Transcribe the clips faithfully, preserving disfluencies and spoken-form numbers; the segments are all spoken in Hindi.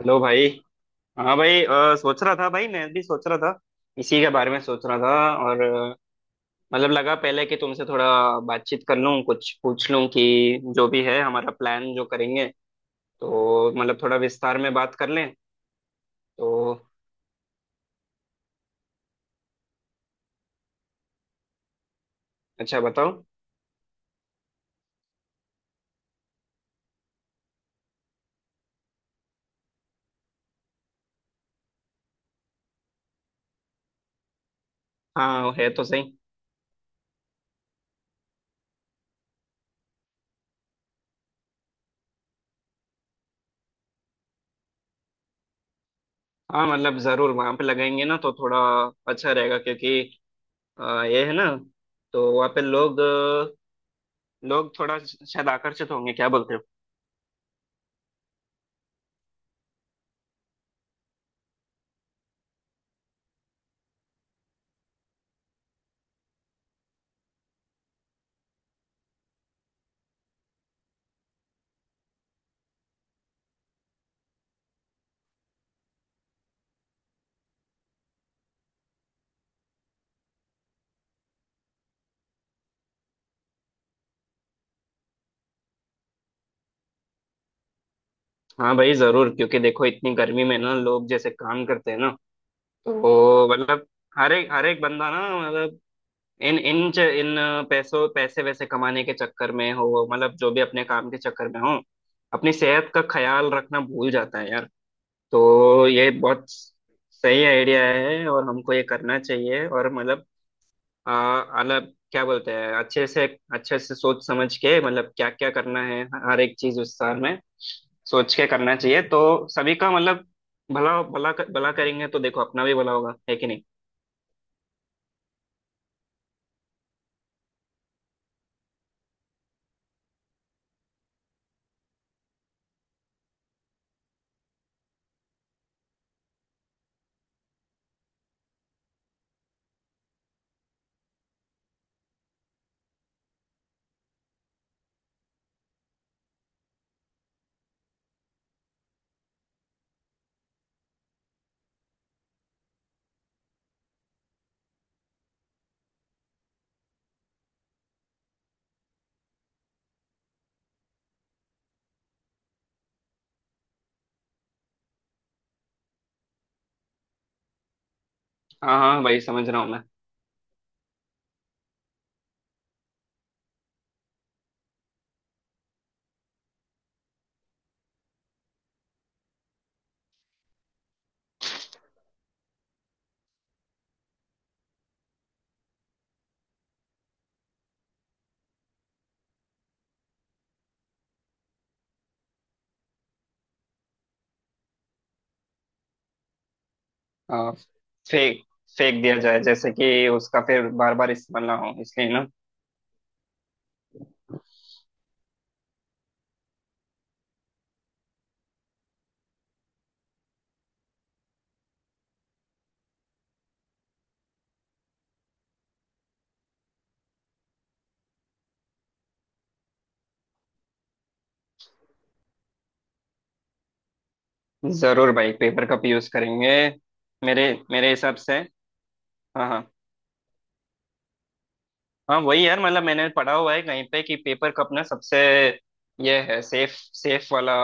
हेलो भाई। हाँ भाई, अ, सोच रहा था भाई, मैं भी सोच रहा था, इसी के बारे में सोच रहा था। और अ, मतलब लगा पहले कि तुमसे थोड़ा बातचीत कर लूँ, कुछ पूछ लूँ कि जो भी है हमारा प्लान जो करेंगे, तो मतलब थोड़ा विस्तार में बात कर लें तो। अच्छा, बताओ। हाँ, वो है तो सही। हाँ, मतलब ज़रूर वहाँ पे लगाएंगे ना, तो थोड़ा अच्छा रहेगा, क्योंकि अ, ये है ना, तो वहाँ पे लोग अ, लोग थोड़ा शायद आकर्षित होंगे। क्या बोलते हो? हाँ भाई, जरूर, क्योंकि देखो इतनी गर्मी में ना लोग जैसे काम करते हैं ना, हम्म, तो मतलब हर एक हर एक बंदा ना, मतलब इन इन च- इन पैसों पैसे वैसे कमाने के चक्कर में हो, मतलब जो भी अपने काम के चक्कर में हो, अपनी सेहत का ख्याल रखना भूल जाता है यार। तो ये बहुत सही आइडिया है और हमको ये करना चाहिए, और मतलब। हाँ, मतलब क्या बोलते हैं, अच्छे से अच्छे से सोच समझ के, मतलब क्या क्या करना है, हर एक चीज उस साल में सोच के करना चाहिए, तो सभी का मतलब भला भला भला करेंगे तो देखो, अपना भी भला होगा, है कि नहीं। हाँ हाँ, वही समझ रहा हूँ मैं। हाँ, फेंक फेंक दिया जाए, जैसे कि उसका फिर बार बार इस्तेमाल ना हो, इसलिए ना। जरूर भाई, पेपर कप यूज करेंगे। मेरे मेरे हिसाब से। हाँ हाँ, हाँ वही यार, मतलब मैंने पढ़ा हुआ है कहीं पे कि पेपर कप ना सबसे ये है, सेफ सेफ वाला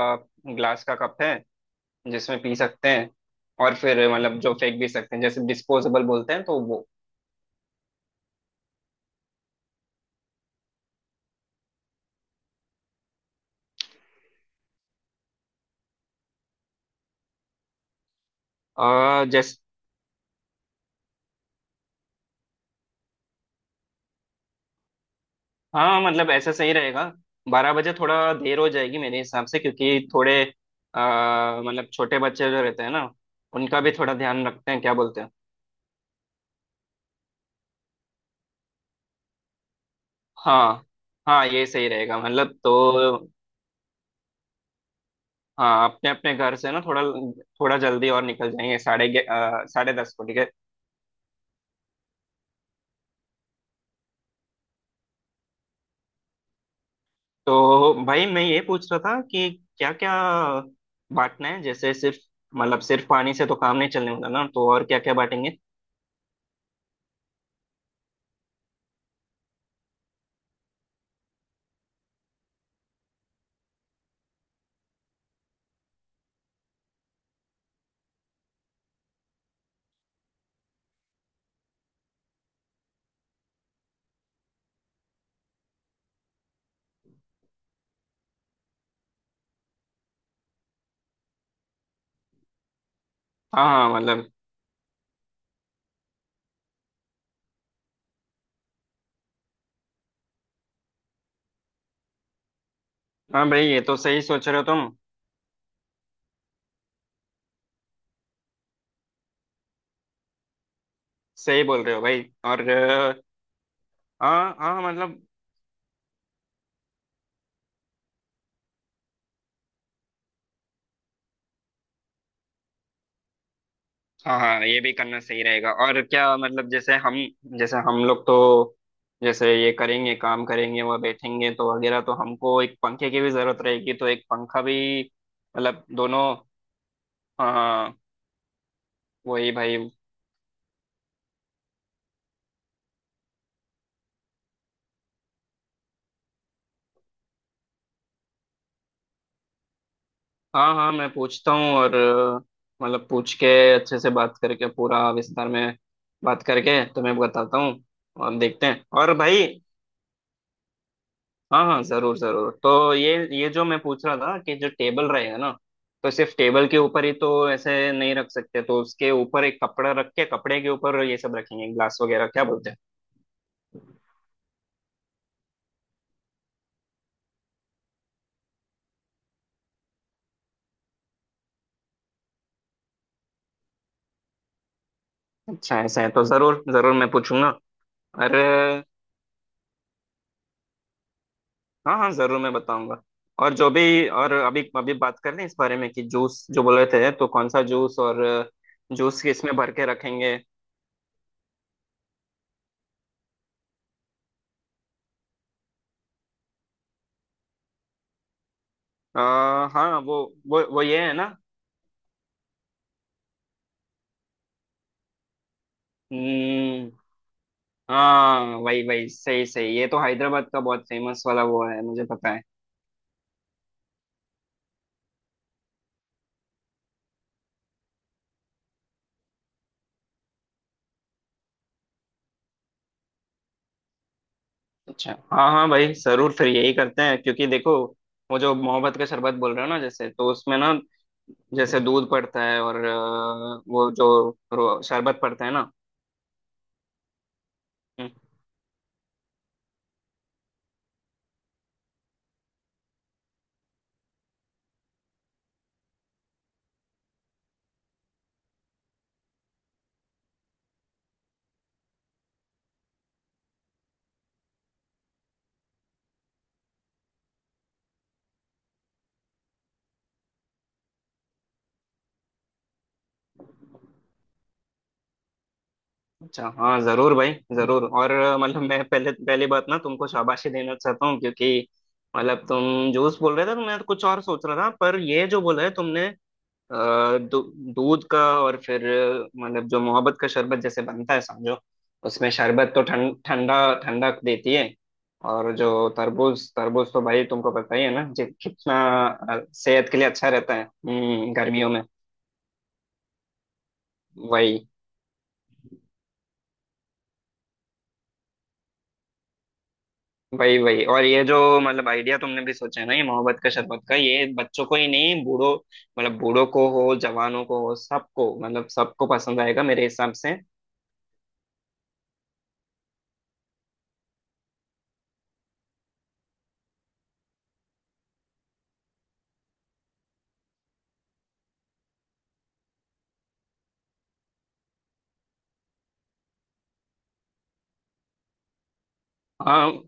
ग्लास का कप है जिसमें पी सकते हैं। और फिर मतलब जो फेंक भी सकते हैं, जैसे डिस्पोजेबल बोलते हैं, तो वो। आ, जैस हाँ, मतलब ऐसा सही रहेगा। बारह बजे थोड़ा देर हो जाएगी मेरे हिसाब से, क्योंकि थोड़े आ, मतलब छोटे बच्चे जो रहते हैं ना, उनका भी थोड़ा ध्यान रखते हैं। क्या बोलते हैं? हाँ हाँ, ये सही रहेगा मतलब तो। हाँ, अपने अपने घर से ना थोड़ा थोड़ा जल्दी और निकल जाएंगे, साढ़े ग्या- अ, साढ़े दस को। ठीक है? तो भाई, मैं ये पूछ रहा था कि क्या क्या बांटना है, जैसे सिर्फ मतलब सिर्फ पानी से तो काम नहीं चलने वाला ना, तो और क्या क्या बांटेंगे? हाँ हाँ, मतलब। हाँ भाई, ये तो सही सोच रहे हो तुम। सही बोल रहे हो भाई, और अ, हाँ हाँ, मतलब। हाँ हाँ, ये भी करना सही रहेगा। और क्या, मतलब जैसे हम, जैसे हम लोग तो, जैसे ये करेंगे, काम करेंगे, वह बैठेंगे तो वगैरह, तो हमको एक पंखे की भी जरूरत रहेगी, तो एक पंखा भी। मतलब दोनों। हाँ हाँ। वही भाई। हाँ हाँ, मैं पूछता हूँ। और मतलब पूछ के, अच्छे से बात करके, पूरा विस्तार में बात करके, तुम्हें बताता हूँ, और देखते हैं। और भाई। हाँ हाँ, जरूर जरूर, तो ये ये जो मैं पूछ रहा था कि जो टेबल रहेगा ना, तो सिर्फ टेबल के ऊपर ही तो ऐसे नहीं रख सकते, तो उसके ऊपर एक कपड़ा रख के, कपड़े के ऊपर ये सब रखेंगे, ग्लास वगैरह। क्या बोलते हैं? अच्छा, ऐसा है तो जरूर जरूर मैं पूछूंगा। अरे। हाँ हाँ, जरूर मैं बताऊंगा। और जो भी, और अभी अभी बात कर लें इस बारे में कि जूस जो बोल रहे थे, तो कौन सा जूस? और जूस किस में भर के रखेंगे? आ, हाँ, वो वो वो ये है ना। हाँ, वही वही सही सही, ये तो हैदराबाद का बहुत फेमस वाला वो है, मुझे पता है। अच्छा, हाँ हाँ भाई, जरूर फिर यही करते हैं, क्योंकि देखो वो जो मोहब्बत का शरबत बोल रहे हो ना, जैसे तो उसमें ना, जैसे दूध पड़ता है और अ, वो जो रो- शरबत पड़ता है ना। हम्म। अच्छा, हाँ जरूर भाई जरूर। और अ, मतलब मैं पहले पहली बात ना तुमको शाबाशी देना चाहता हूँ, क्योंकि मतलब तुम जूस बोल रहे थे तो मैं कुछ और सोच रहा था, पर ये जो बोला है तुमने, अ, दू- दूध का और फिर, मतलब जो मोहब्बत का शरबत जैसे बनता है समझो, उसमें शरबत तो ठंड ठंडा ठंडक देती है। और जो तरबूज तरबूज तो भाई, तुमको पता ही है ना जी कितना अ, सेहत के लिए अच्छा रहता है, हम्म गर्मियों में। वही वही वही, और ये जो मतलब आइडिया तुमने भी सोचा है ना, ये मोहब्बत का शरबत का, ये बच्चों को ही नहीं बूढ़ों, मतलब बूढ़ों को हो, जवानों को हो, सबको, मतलब सबको पसंद आएगा मेरे हिसाब से। हाँ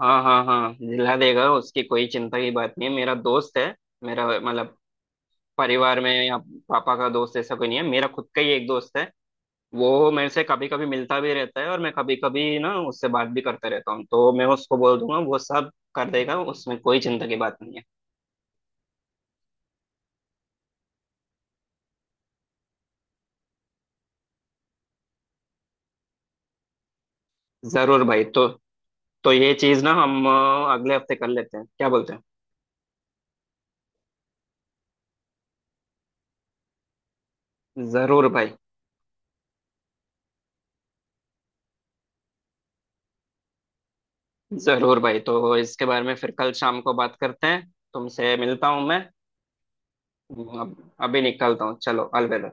हाँ हाँ हाँ, दिला देगा, उसकी कोई चिंता की बात नहीं है, मेरा दोस्त है। मेरा मतलब परिवार में या पापा का दोस्त ऐसा कोई नहीं है, मेरा खुद का ही एक दोस्त है। वो मेरे से कभी कभी मिलता भी रहता है, और मैं कभी कभी ना उससे बात भी करता रहता हूँ, तो मैं उसको बोल दूंगा, वो सब कर देगा, उसमें कोई चिंता की बात नहीं है। जरूर भाई, तो तो ये चीज ना हम अ, अगले हफ्ते कर लेते हैं। क्या बोलते हैं? जरूर भाई जरूर भाई, तो इसके बारे में फिर कल शाम को बात करते हैं। तुमसे मिलता हूँ मैं। अब अभी निकलता हूँ, चलो अलविदा।